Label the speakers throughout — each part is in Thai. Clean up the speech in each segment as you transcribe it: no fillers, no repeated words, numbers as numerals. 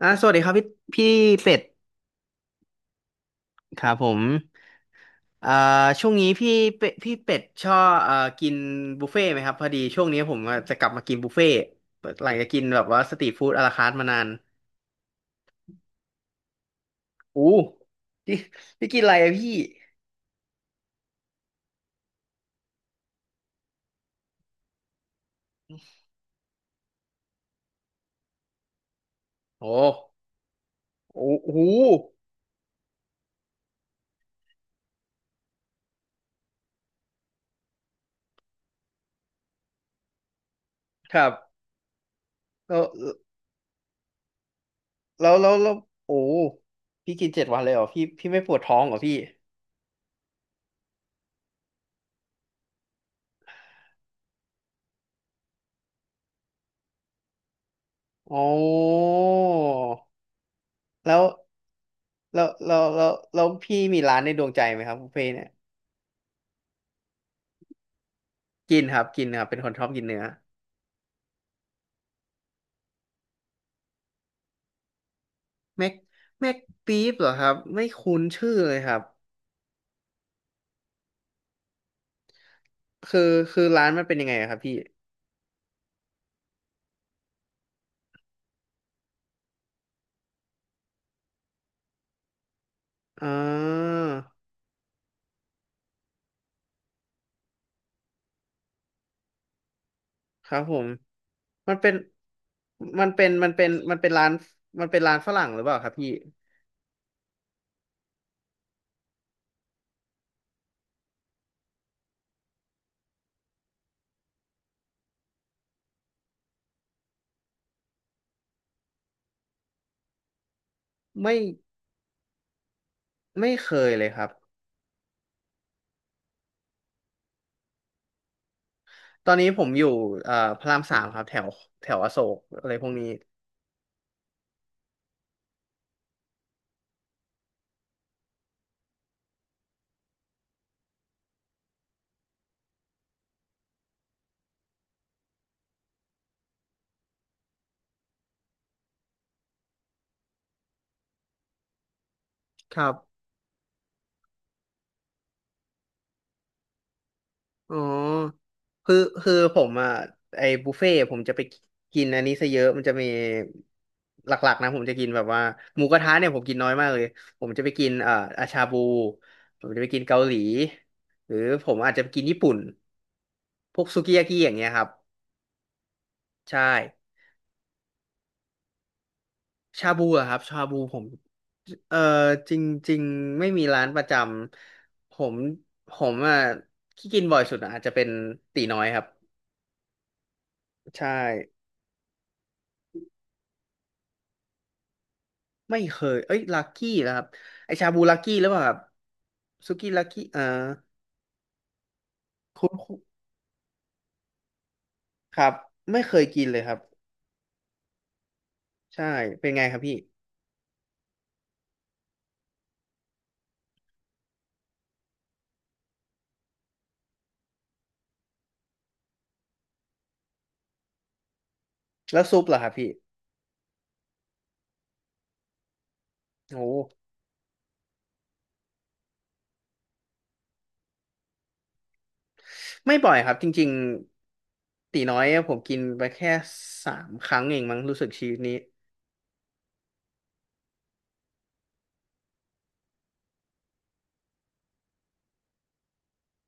Speaker 1: สวัสดีครับพี่พี่เป็ดครับผมอ่าช่วงนี้พี่เป็ดชอบกินบุฟเฟ่ต์ไหมครับพอดีช่วงนี้ผมจะกลับมากินบุฟเฟ่ต์หลังจากกินแบบว่าสตรีทฟู้ดอะลาคาร์ทมานานอู้พี่พี่กินอะไรอะพี่โอ้โอ้โหครับแล้วแล้วโอ้พี่กินเจ็ดวันเลยเหรอพี่พี่ไม่ปวดท้องเหรอพี่อ๋อแล้วแล้วพี่มีร้านในดวงใจไหมครับบุฟเฟ่ต์เนี่ย กินครับกินครับเป็นคนชอบกินเนื้อแม็กแม็กบีฟเหรอครับไม่คุ้นชื่อเลยครับคือคือร้านมันเป็นยังไงอะครับพี่อ่าครับผมมันเป็นมันเป็นมันเป็นมันเป็นร้านมันเป็นร้านฝรั่งหรือเปล่าครับพี่ไม่ไม่เคยเลยครับตอนนี้ผมอยู่พระรามสามครับแถวแถวอโศกอะไรพวกนี้ครับ อ๋อคือคือผมอ่ะไอ้บุฟเฟ่ต์ผมจะไปกินอันนี้ซะเยอะมันจะมีหลักๆนะผมจะกินแบบว่าหมูกระทะเนี่ยผมกินน้อยมากเลยผมจะไปกินอาชาบูผมจะไปกินเกาหลีหรือผมอาจจะไปกินญี่ปุ่นพวกซูกิยากิอย่างเงี้ยครับใช่ชาบูอะครับชาบูผมเอ่อจริงๆไม่มีร้านประจำผมอะที่กินบ่อยสุดอะอาจจะเป็นตีน้อยครับใช่ ไม่เคยเอ้ยลักกี้นะครับไอชาบูลักกี้หรือเปล่าครับสุกี้ลักกี้คุณครับไม่เคยกินเลยครับ ใช่ เป็นไงครับพี่ แล้วซุปเหรอครับพี่ โอ้ไม่บ่อยครับจริงๆตีน้อยผมกินไปแค่สามครั้งเองมั้งรู้สึกชีวิตนี้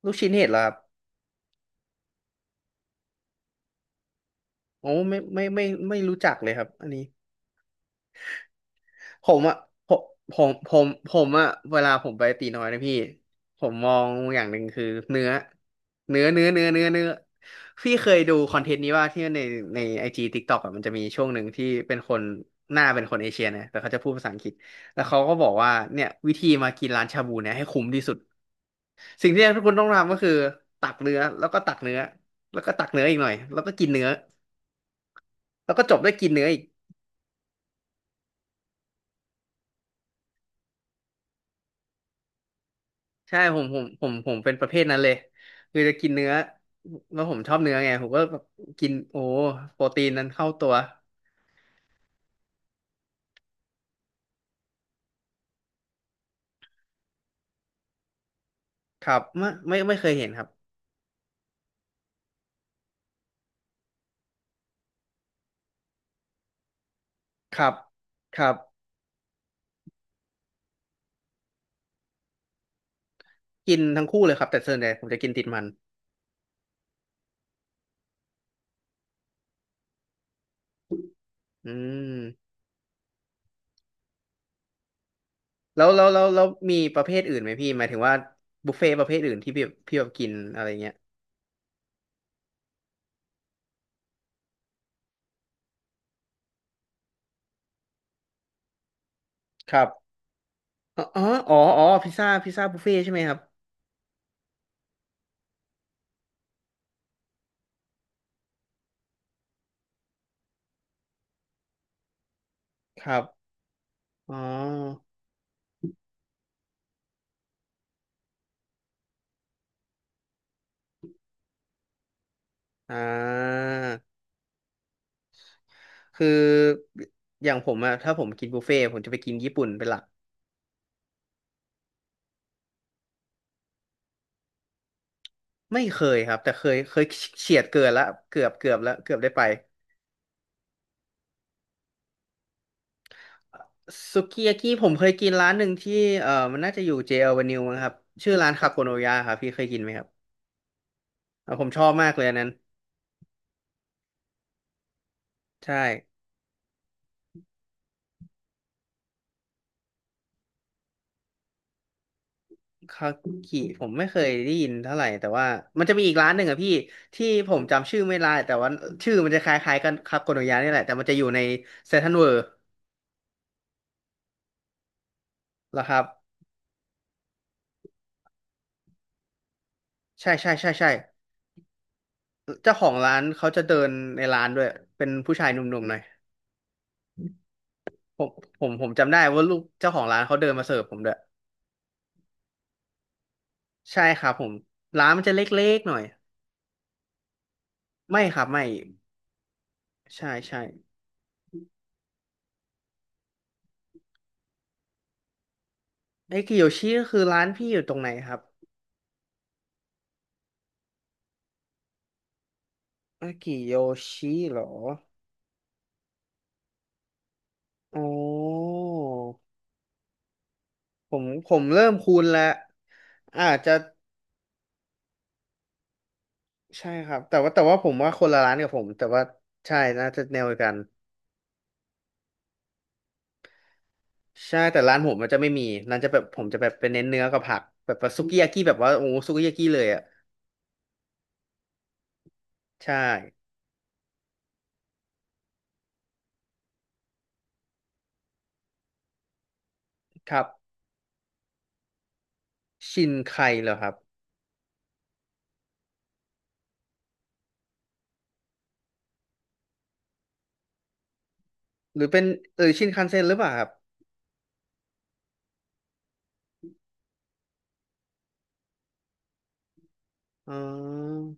Speaker 1: ลูกชิ้นเห็ดเหรอครับโอ้ไม่ไม่ไม่ไม่รู้จักเลยครับอันนี้ ผมอ่ะผมผมผมผมอะเวลาผมไปตีน้อยนะพี่ผมมองอย่างหนึ่งคือเนื้อเนื้อเนื้อเนื้อเนื้อเนื้อพี่เคยดูคอนเทนต์นี้ว่าที่ในในไอจีทิกตอกอะมันจะมีช่วงหนึ่งที่เป็นคนหน้าเป็นคนเอเชียนะแต่เขาจะพูดภาษาอังกฤษแล้วเขาก็บอกว่าเนี่ยวิธีมากินร้านชาบูเนี่ยให้คุ้มที่สุดสิ่งที่ทุกคนต้องทำก็คือตักเนื้อแล้วก็ตักเนื้อแล้วก็ตักเนื้ออีกหน่อยแล้วก็กินเนื้อแล้วก็จบด้วยกินเนื้ออีก ใช่ผมเป็นประเภทนั้นเลยคือจะกินเนื้อแล้วผมชอบเนื้อไงผมก็แบบกินโอ้โปรตีนนั้นเข้าตัวครับไม่ไม่ไม่เคยเห็นครับครับครับกินทั้งคู่เลยครับแต่ส่วนใหญ่ผมจะกินติดมันอืมแล้วมีประเภทอื่นไหมพี่หมายถึงว่าบุฟเฟ่ต์ประเภทอื่นที่พี่แบบกินอะไรเงี้ยครับอ๋ออ๋ออ๋อพิซซ่าบุฟเฟ่ต์ใช่ไหมครับครับอ๋ออ่า คืออย่างผมอะถ้าผมกินบุฟเฟ่ต์ผมจะไปกินญี่ปุ่นเป็นหลักไม่เคยครับแต่เคยเคยเฉียดเกินละเกือบแล้วเกือบได้ไปสุกิยากิผมเคยกินร้านหนึ่งที่เออมันน่าจะอยู่เจอ v ว n u ิวมั้งครับชื่อร้านคาโกโนยะครับพี่เคยกินไหมครับอ่ะผมชอบมากเลยอันนั้นใช่คากิผมไม่เคยได้ยินเท่าไหร่แต่ว่ามันจะมีอีกร้านหนึ่งอะพี่ที่ผมจำชื่อไม่ได้แต่ว่าชื่อมันจะคล้ายๆกันคาโกโนยะนี่แหละแต่มันจะอยู่ในเซนทรัลเวิลด์เหรอครับใช่ใช่ใช่ใช่ เจ้าของร้านเขาจะเดินในร้านด้วยเป็นผู้ชายหนุ่มๆหน่อยผมผมจำได้ว่าลูกเจ้าของร้านเขาเดินมาเสิร์ฟผมด้วยใช่ครับผมร้านมันจะเล็กๆหน่อยไม่ครับไม่ใช่ใช่ไอ้กิโยชิก็คือร้านพี่อยู่ตรงไหนครับไอ้กิโยชิเหรออ๋อผมเริ่มคุ้นแล้วอาจจะใช่ครับแต่ว่าผมว่าคนละร้านกับผมแต่ว่าใช่น่าจะแนวเดียวกัน ใช่แต่ร้านผมมันจะไม่มีร้านจะแบบผมจะแบบเป็นเน้นเนื้อกับผักแบบว่าซุกิยากิแบบว่าโอ้ซุกิยากิเลยอ่ะใช่ครับชินไคเหรอครับหรือเป็นเออชินคันเซ็นหรือเปล่าครับอ๋อ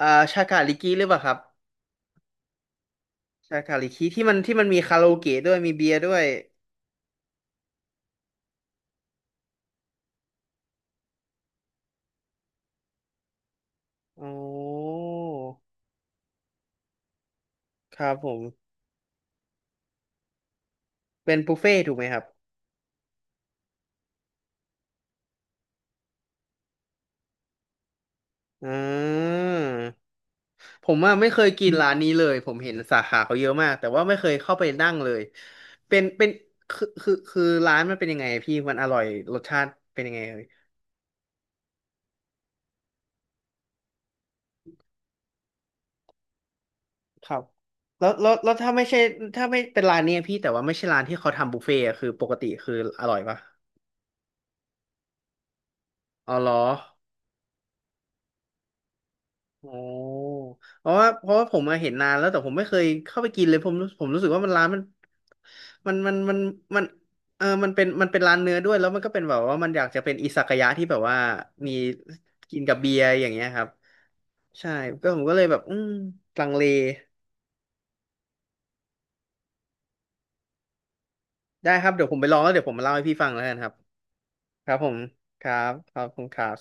Speaker 1: อ่าชากาลิกิหรือเปล่าครับชากาลิกิที่มันมีคาราโอเกะด้วยมีเบียร์ด้วยอ๋อครับผมเป็นบุฟเฟ่ต์ถูกไหมครับอ่า ผมอ่ะไม่เคยกินร้านนี้เลยผมเห็นสาขาเขาเยอะมากแต่ว่าไม่เคยเข้าไปนั่งเลยเป็นคือร้านมันเป็นยังไงพี่มันอร่อยรสชาติเป็นยังไงเอ่ยครับแล้วถ้าไม่ใช่ถ้าไม่เป็นร้านเนี้ยพี่แต่ว่าไม่ใช่ร้านที่เขาทำบุฟเฟ่ต์อะคือปกติคืออร่อยปะอ๋อเหรอ โอ้เพราะว่าผมมาเห็นนานแล้วแต่ผมไม่เคยเข้าไปกินเลยผมรู้สึกว่ามันร้านมันมันมันมันมันมันเป็นร้านเนื้อด้วยแล้วมันก็เป็นแบบว่ามันอยากจะเป็นอิซากายะที่แบบว่ามีกินกับเบียร์อย่างเงี้ยครับใช่ก็ผมก็เลยแบบลังเลได้ครับเดี๋ยวผมไปลองแล้วเดี๋ยวผมมาเล่าให้พี่ฟังแล้วกันครับครับผมครับขอบคุณครับ